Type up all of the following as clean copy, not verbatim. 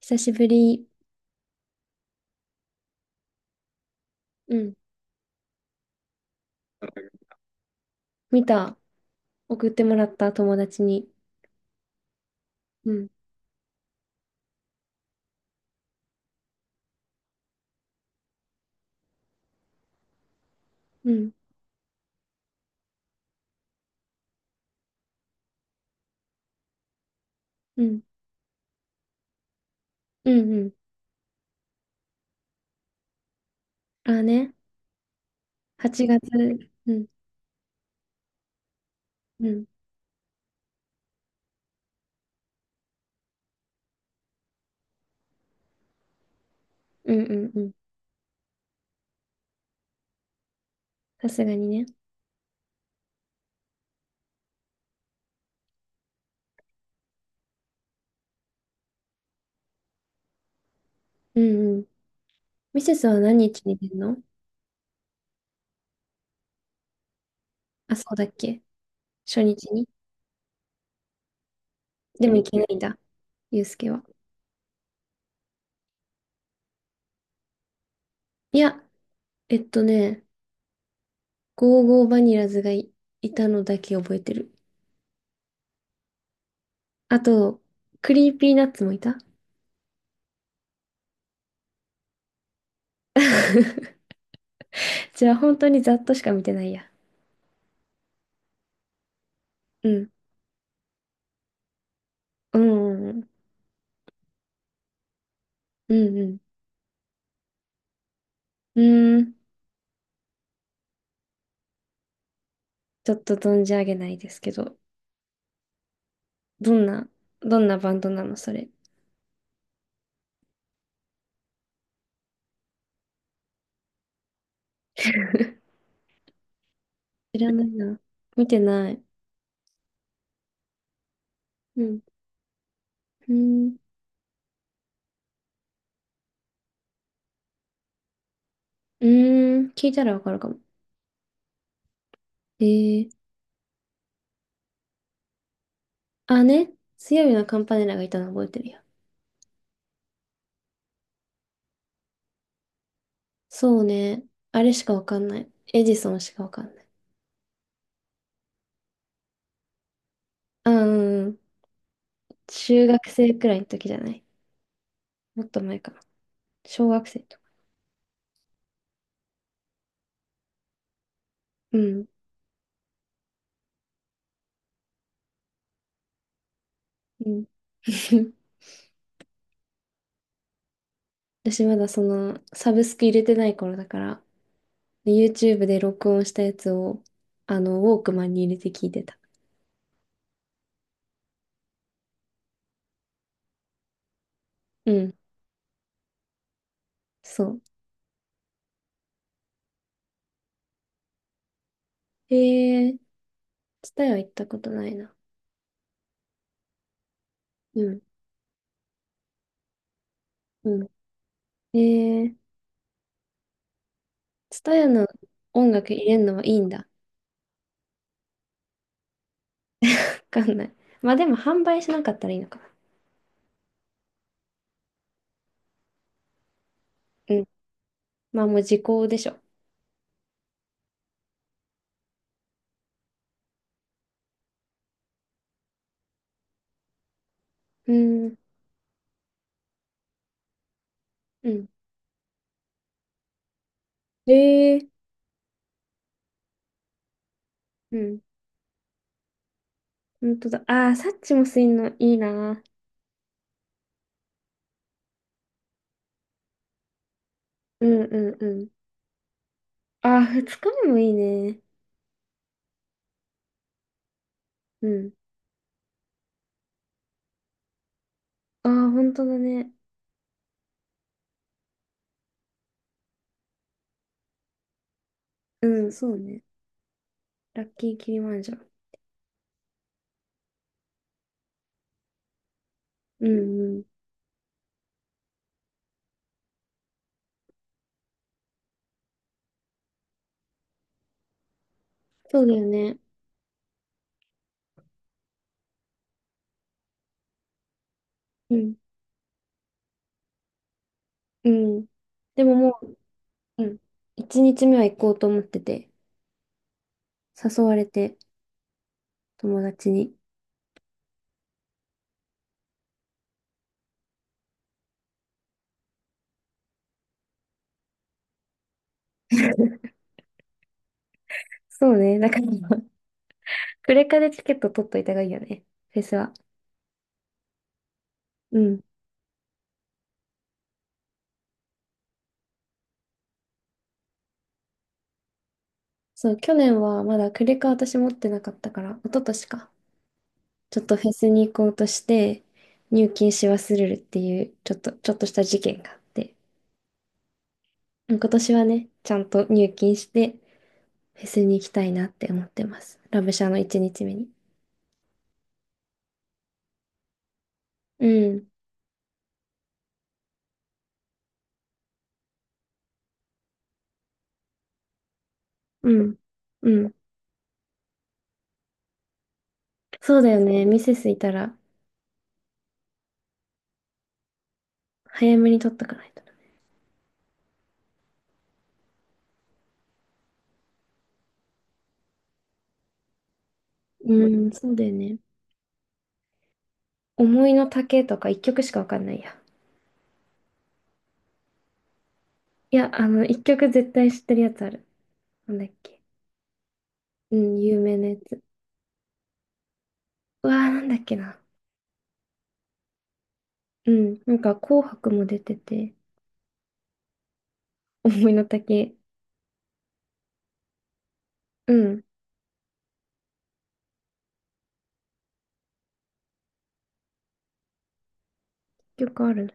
久しぶり。うん。見た。送ってもらった、友達に。うん。うん。うん。うん。うん。ああね。8月。うん。うん。うんうんうん。さすがにね。うんうん。ミセスは何日に出るの？あ、そうだっけ？初日に？でも行けないんだ。ユうスケは。いや、えっとね、ゴーゴーバニラズがいたのだけ覚えてる。あと、クリーピーナッツもいた。じゃあ本当にざっとしか見てないや。うん。うんうんうん。うんうん。うーん、ちょっと存じ上げないですけど、どんな、どんなバンドなの、それ？知らないな。見てない。うん。うーん、うーん、聞いたらわかるかも。えー、あ、ね。強いなカンパネラがいたの覚えてるよ。そうね。あれしかわかんない。エジソンしかわかんない。あ、うん、うん。中学生くらいの時じゃない？もっと前かな。小学生とか。うん。うん。私まだその、サブスク入れてない頃だから、で YouTube で録音したやつを、あの、ウォークマンに入れて聞いてた。うん、そう。えー、ツタヤ行ったことないな。うん、うん。えー、ツタヤの音楽入れるのはいいんだ。わかんない。まあでも販売しなかったらいいのかな。うん。まあもう時効でしょ。うん、うん。えー、うん。本当だ。ああ、サッチもすいんのいいな。うんうんうん。ああ、二日目もいいね。うん。ああ、本当だね。うん、そうね。ラッキーキリマンジャロ。うんうん。そうだよね。うん。うん。でももう、うん、一日目は行こうと思ってて、誘われて、友達に。そうね。だから、クレカでチケット取っといた方がいいよね。フェスは。うん。そう、去年はまだクレカ私持ってなかったから、一昨年か。ちょっとフェスに行こうとして、入金し忘れるっていう、ちょっとした事件があって。今年はね、ちゃんと入金して、フェスに行きたいなって思ってます。ラブシャの一日目に。うん。うん。うん。そうだよね。ミセスいたら、早めに取っとかないとな。うん、そうだよね。思いの丈とか一曲しかわかんないや。いや、あの、一曲絶対知ってるやつある。なんだっけ。うん、有名なやつ。うわー、なんだっけな。うん、なんか紅白も出てて、思いの丈。うん、曲あるね。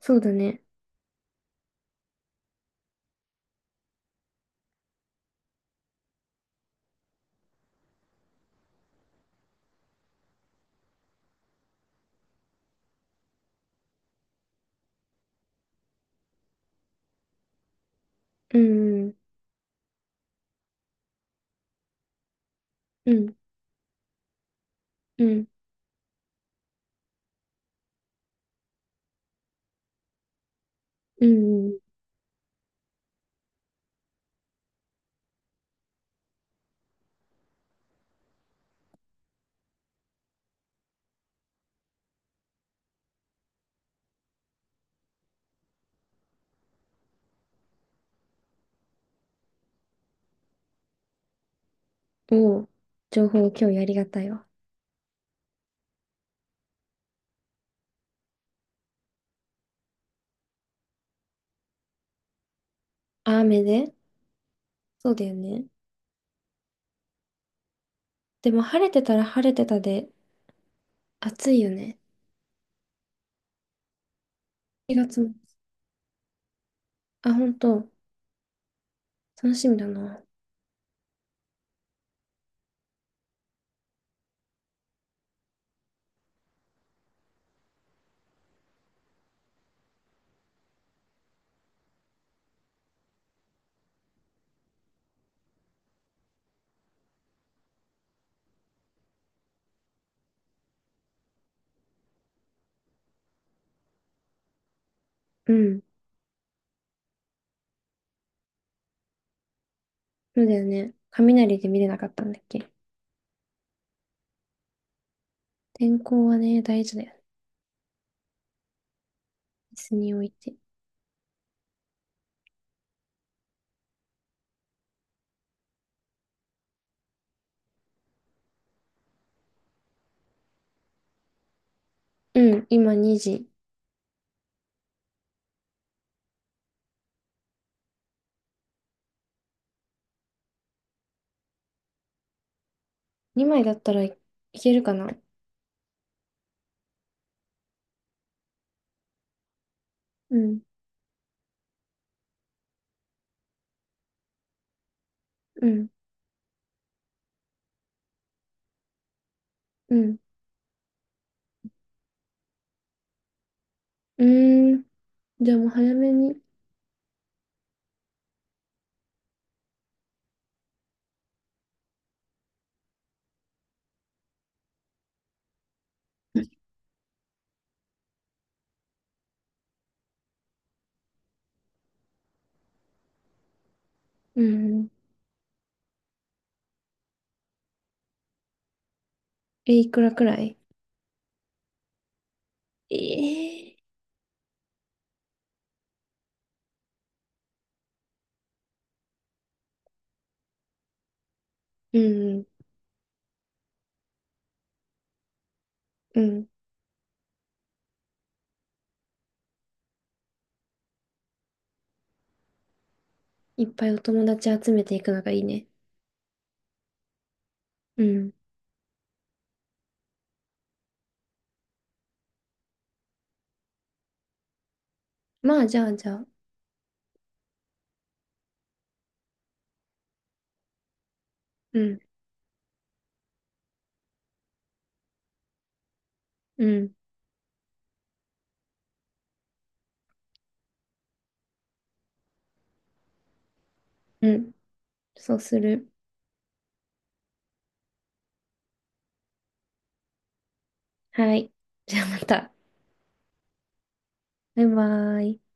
そうだね。うん、うん、うん、うん、うん。おお、情報共有ありがたいわ。あ、雨で。そうだよね。でも晴れてたら晴れてたで暑いよね。4月末。あ、本当。楽しみだな。うん。そうだよね。雷で見れなかったんだっけ。天候はね、大事だよね。椅子に置いて。うん、今2時。2枚だったらいけるかな。うん、うん、うん。うーん。じゃあもう早めに。うん。え、いくらくらい？ええ、うん、うん。いっぱいお友達集めていくのがいいね。うん。まあ、じゃあ。うん、うん、うん。そうする。はい。じゃあまた。バイバイ。